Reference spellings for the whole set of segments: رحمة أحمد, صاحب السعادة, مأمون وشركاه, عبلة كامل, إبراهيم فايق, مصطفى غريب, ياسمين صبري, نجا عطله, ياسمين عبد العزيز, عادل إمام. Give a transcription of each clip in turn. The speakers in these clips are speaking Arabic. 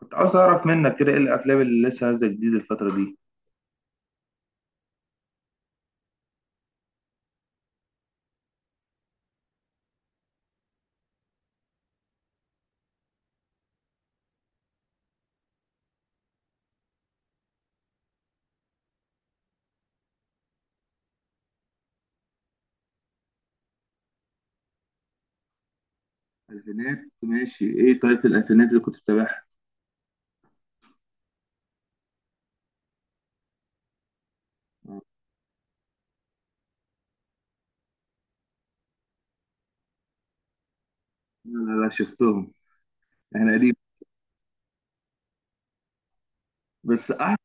كنت عاوز اعرف منك كده ايه الافلام اللي لسه نازله جديد الفتره دي؟ الفينات، ماشي. ايه طيب الالفينات اللي كنت بتابعها؟ لا، لا، لا، شفتهم. احنا قديم. بس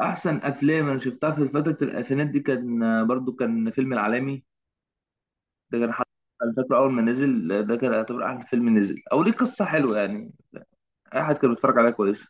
احسن افلام انا شفتها في فتره الالفينات دي كان برضو فيلم العالمي. ده كان حد. انا فاكره اول ما نزل، ده كان يعتبر احلى فيلم نزل او ليه قصه حلوه يعني. اي حد كان بيتفرج عليها كويس.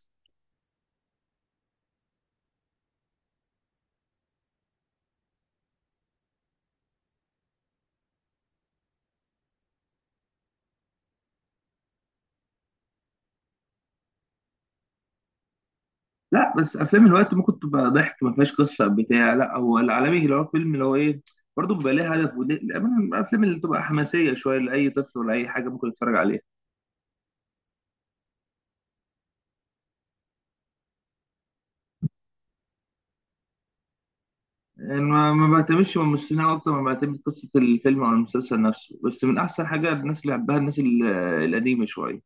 لا بس افلام الوقت ممكن تبقى ضحك ما فيهاش قصه بتاع، لا هو العالمي اللي هو فيلم اللي هو ايه، برضه بيبقى ليه هدف، ودي الأمانة الافلام اللي بتبقى حماسيه شويه لاي طفل ولا اي حاجه ممكن يتفرج عليها. يعني ما بعتمدش من الممثلين اكتر ما بعتمد قصه الفيلم او المسلسل نفسه، بس من احسن حاجه الناس اللي بحبها الناس القديمه شويه.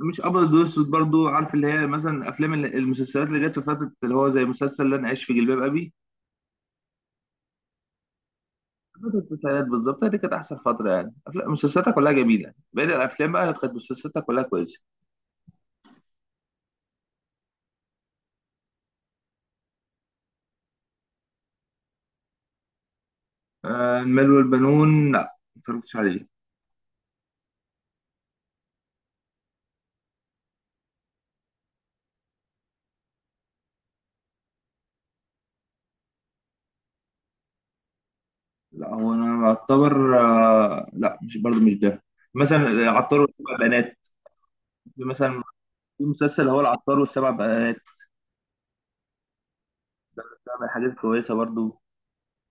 مش ابيض واسود برضه، عارف اللي هي مثلا افلام المسلسلات اللي جت في فتره اللي هو زي مسلسل اللي انا عايش في جلباب ابي. فترة التسعينات بالظبط، هي دي كانت أحسن فترة، يعني أفلام مسلسلاتها كلها جميلة، باقي الأفلام بقى كانت مسلسلاتها كلها كويسة. آه المال والبنون، لا ما اتفرجتش عليه. لا هو أنا أعتبر، لا مش برضه مش ده. مثلا العطار والسبع بنات. في مثلا، في مسلسل هو العطار والسبع بنات. ده من الحاجات الكويسة برضه.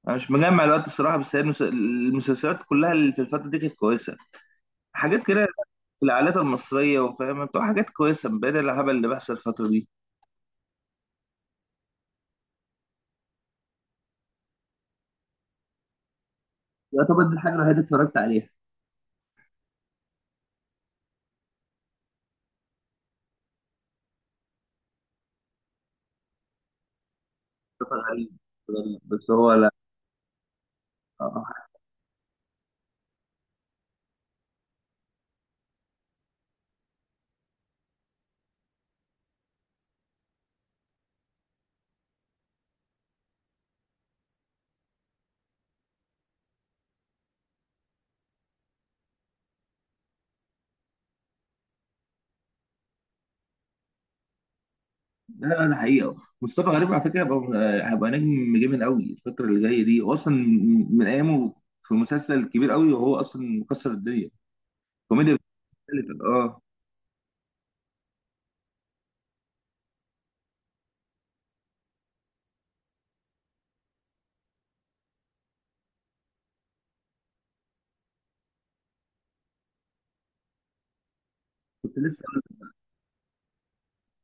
أنا مش مجمع الوقت الصراحة، بس هي المسلسلات كلها اللي في الفترة دي كانت كويسة. حاجات كده في العائلات المصرية وفاهم بتبقى حاجات كويسة بدل الهبل اللي بيحصل الفترة دي. يعتبر دي الحاجة الوحيدة اللي اتفرجت عليها. مصطفى غريب. غريب بس هو لا. آه. لا لا، ده حقيقة. مصطفى غريب على فكرة هيبقى نجم جامد قوي الفترة اللي جاية دي، هو أصلا من أيامه في مسلسل كبير قوي، وهو أصلا مكسر الدنيا كوميديا مختلفة. اه، كنت لسه أقول لك.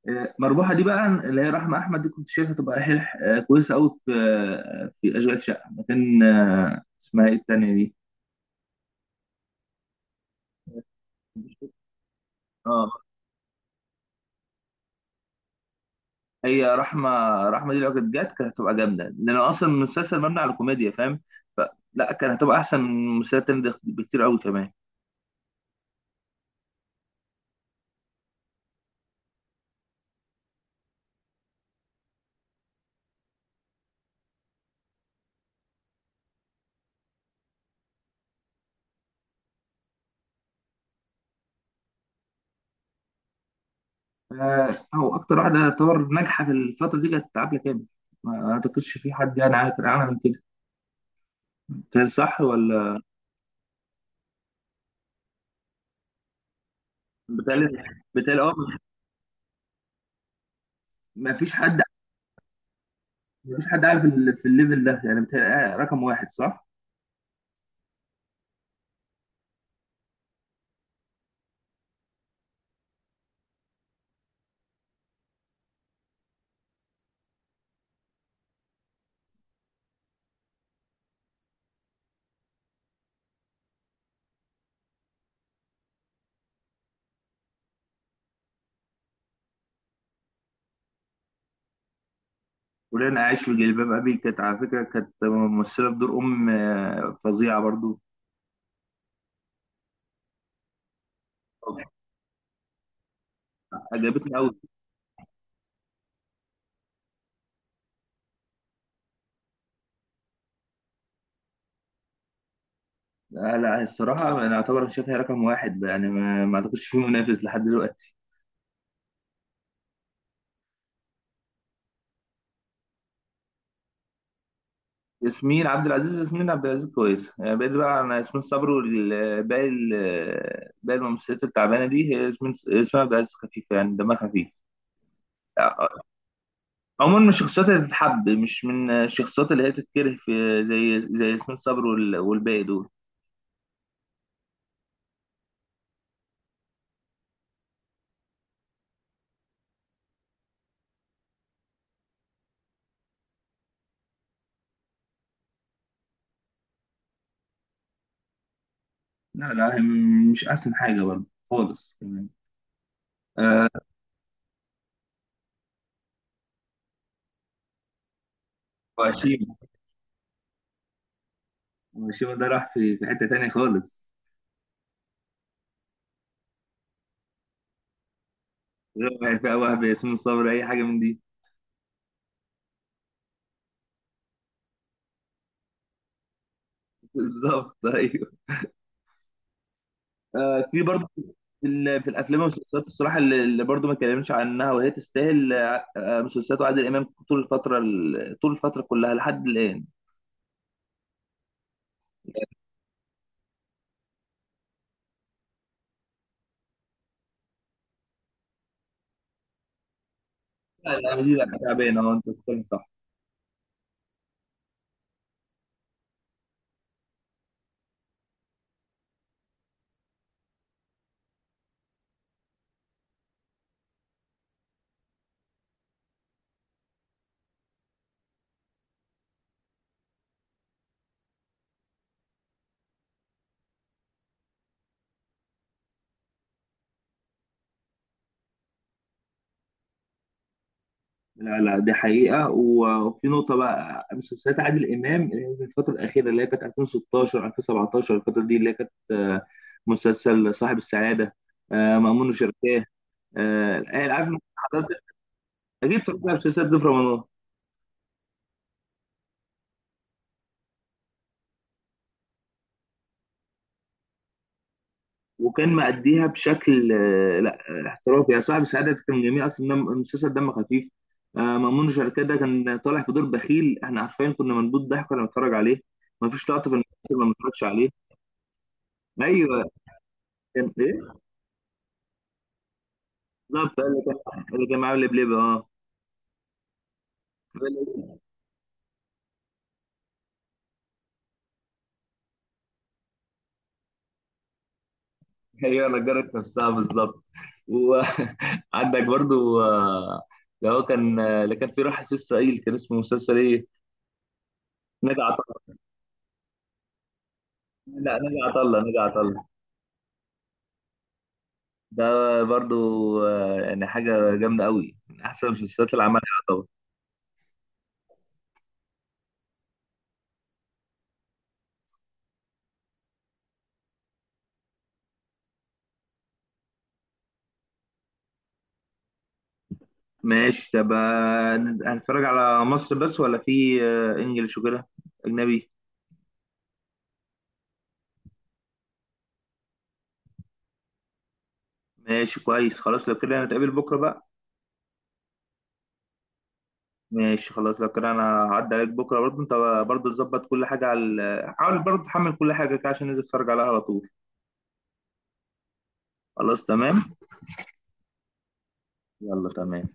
مربوحة دي بقى اللي هي رحمة أحمد، دي كنت شايفها تبقى حلح آه، كويسة قوي في، أشغال شقة، مكان اسمها إيه التانية دي؟ اه، هي رحمة. رحمة دي لو كانت جت كانت هتبقى جامدة، لأن أصلا المسلسل مبني على كوميديا فاهم، فلا كانت هتبقى أحسن من المسلسلات التانية ده بكتير أوي كمان. هو أكتر واحدة يعتبر ناجحة في الفترة دي كانت عبلة كامل. ما أعتقدش في حد يعني عارف عنها من كده، بتهيألي صح ولا؟ بتهيألي بتهيألي أه. ما فيش حد ما فيش حد عارف في الليفل ده، يعني بتهيألي رقم واحد صح؟ ولأن عايش في جلباب أبي كانت على فكرة كانت ممثلة بدور أم فظيعة برضو. عجبتني أوي. لا لا، الصراحة أنا أعتبر شايفها رقم واحد بقى، يعني ما أعتقدش فيه منافس لحد دلوقتي. ياسمين عبد العزيز كويسة يعني، بقيت بقى أنا ياسمين صبري والباقي باقي الممثلات التعبانة دي، هي ياسمين عبد العزيز خفيفة يعني، دمها خفيف. آه، آه، عموما من الشخصيات اللي تتحب، مش من الشخصيات اللي هي تتكره في زي ياسمين صبري والباقي دول. لا لا، هي مش أحسن حاجة برضه خالص كمان. آه. وهشيم. وهشيم ده راح في حتة تانية خالص، غير فيها وهب ياسمين صبري اي حاجه من دي. بالظبط ايوه. في برضه في الافلام والمسلسلات الصراحه اللي برضه ما اتكلمنش عنها وهي تستاهل، مسلسلات وعادل امام طول الفتره كلها لحد الان. لا لا دي، لا تعبان اه، انت بتتكلم صح. لا لا دي حقيقه، و- وفي نقطه بقى مسلسلات عادل امام اللي هي في الفتره الاخيره اللي هي كانت 2016 2017 الفتره دي اللي هي كانت، مسلسل صاحب السعاده، مأمون وشركاه، آه، عارف اجيب فكها في سيد ضيف رمضان. وكان مأديها بشكل لا، احترافي، يا صاحب سعادة كان جميل اصلا، المسلسل دم خفيف. مأمون شركات ده كان طالع في دور بخيل احنا عارفين، كنا منبوط ضحك وانا بنتفرج عليه، ما فيش لقطة في المسلسل ما بنتفرجش عليه. ايوه. كان ايه؟ بالظبط، اللي كان معاه لبلبة، اه. هي نجرت نفسها بالظبط، وعندك. برضو، اللي هو كان، اللي كان في راح في اسرائيل كان اسمه مسلسل ايه، نجا عطله. لا، نجا عطله. ده برضو يعني حاجة جامدة قوي، من أحسن المسلسلات اللي عملها طبعا. ماشي طب، هنتفرج على مصر بس ولا في إنجلش وكده، أجنبي؟ ماشي كويس خلاص، لو كده هنتقابل بكرة بقى. ماشي خلاص، لو كده أنا هعدي عليك بكرة برضو. أنت برضو تظبط كل حاجة على حاول برضو تحمل كل حاجة كده عشان ننزل نتفرج عليها على طول. خلاص تمام. يلا تمام.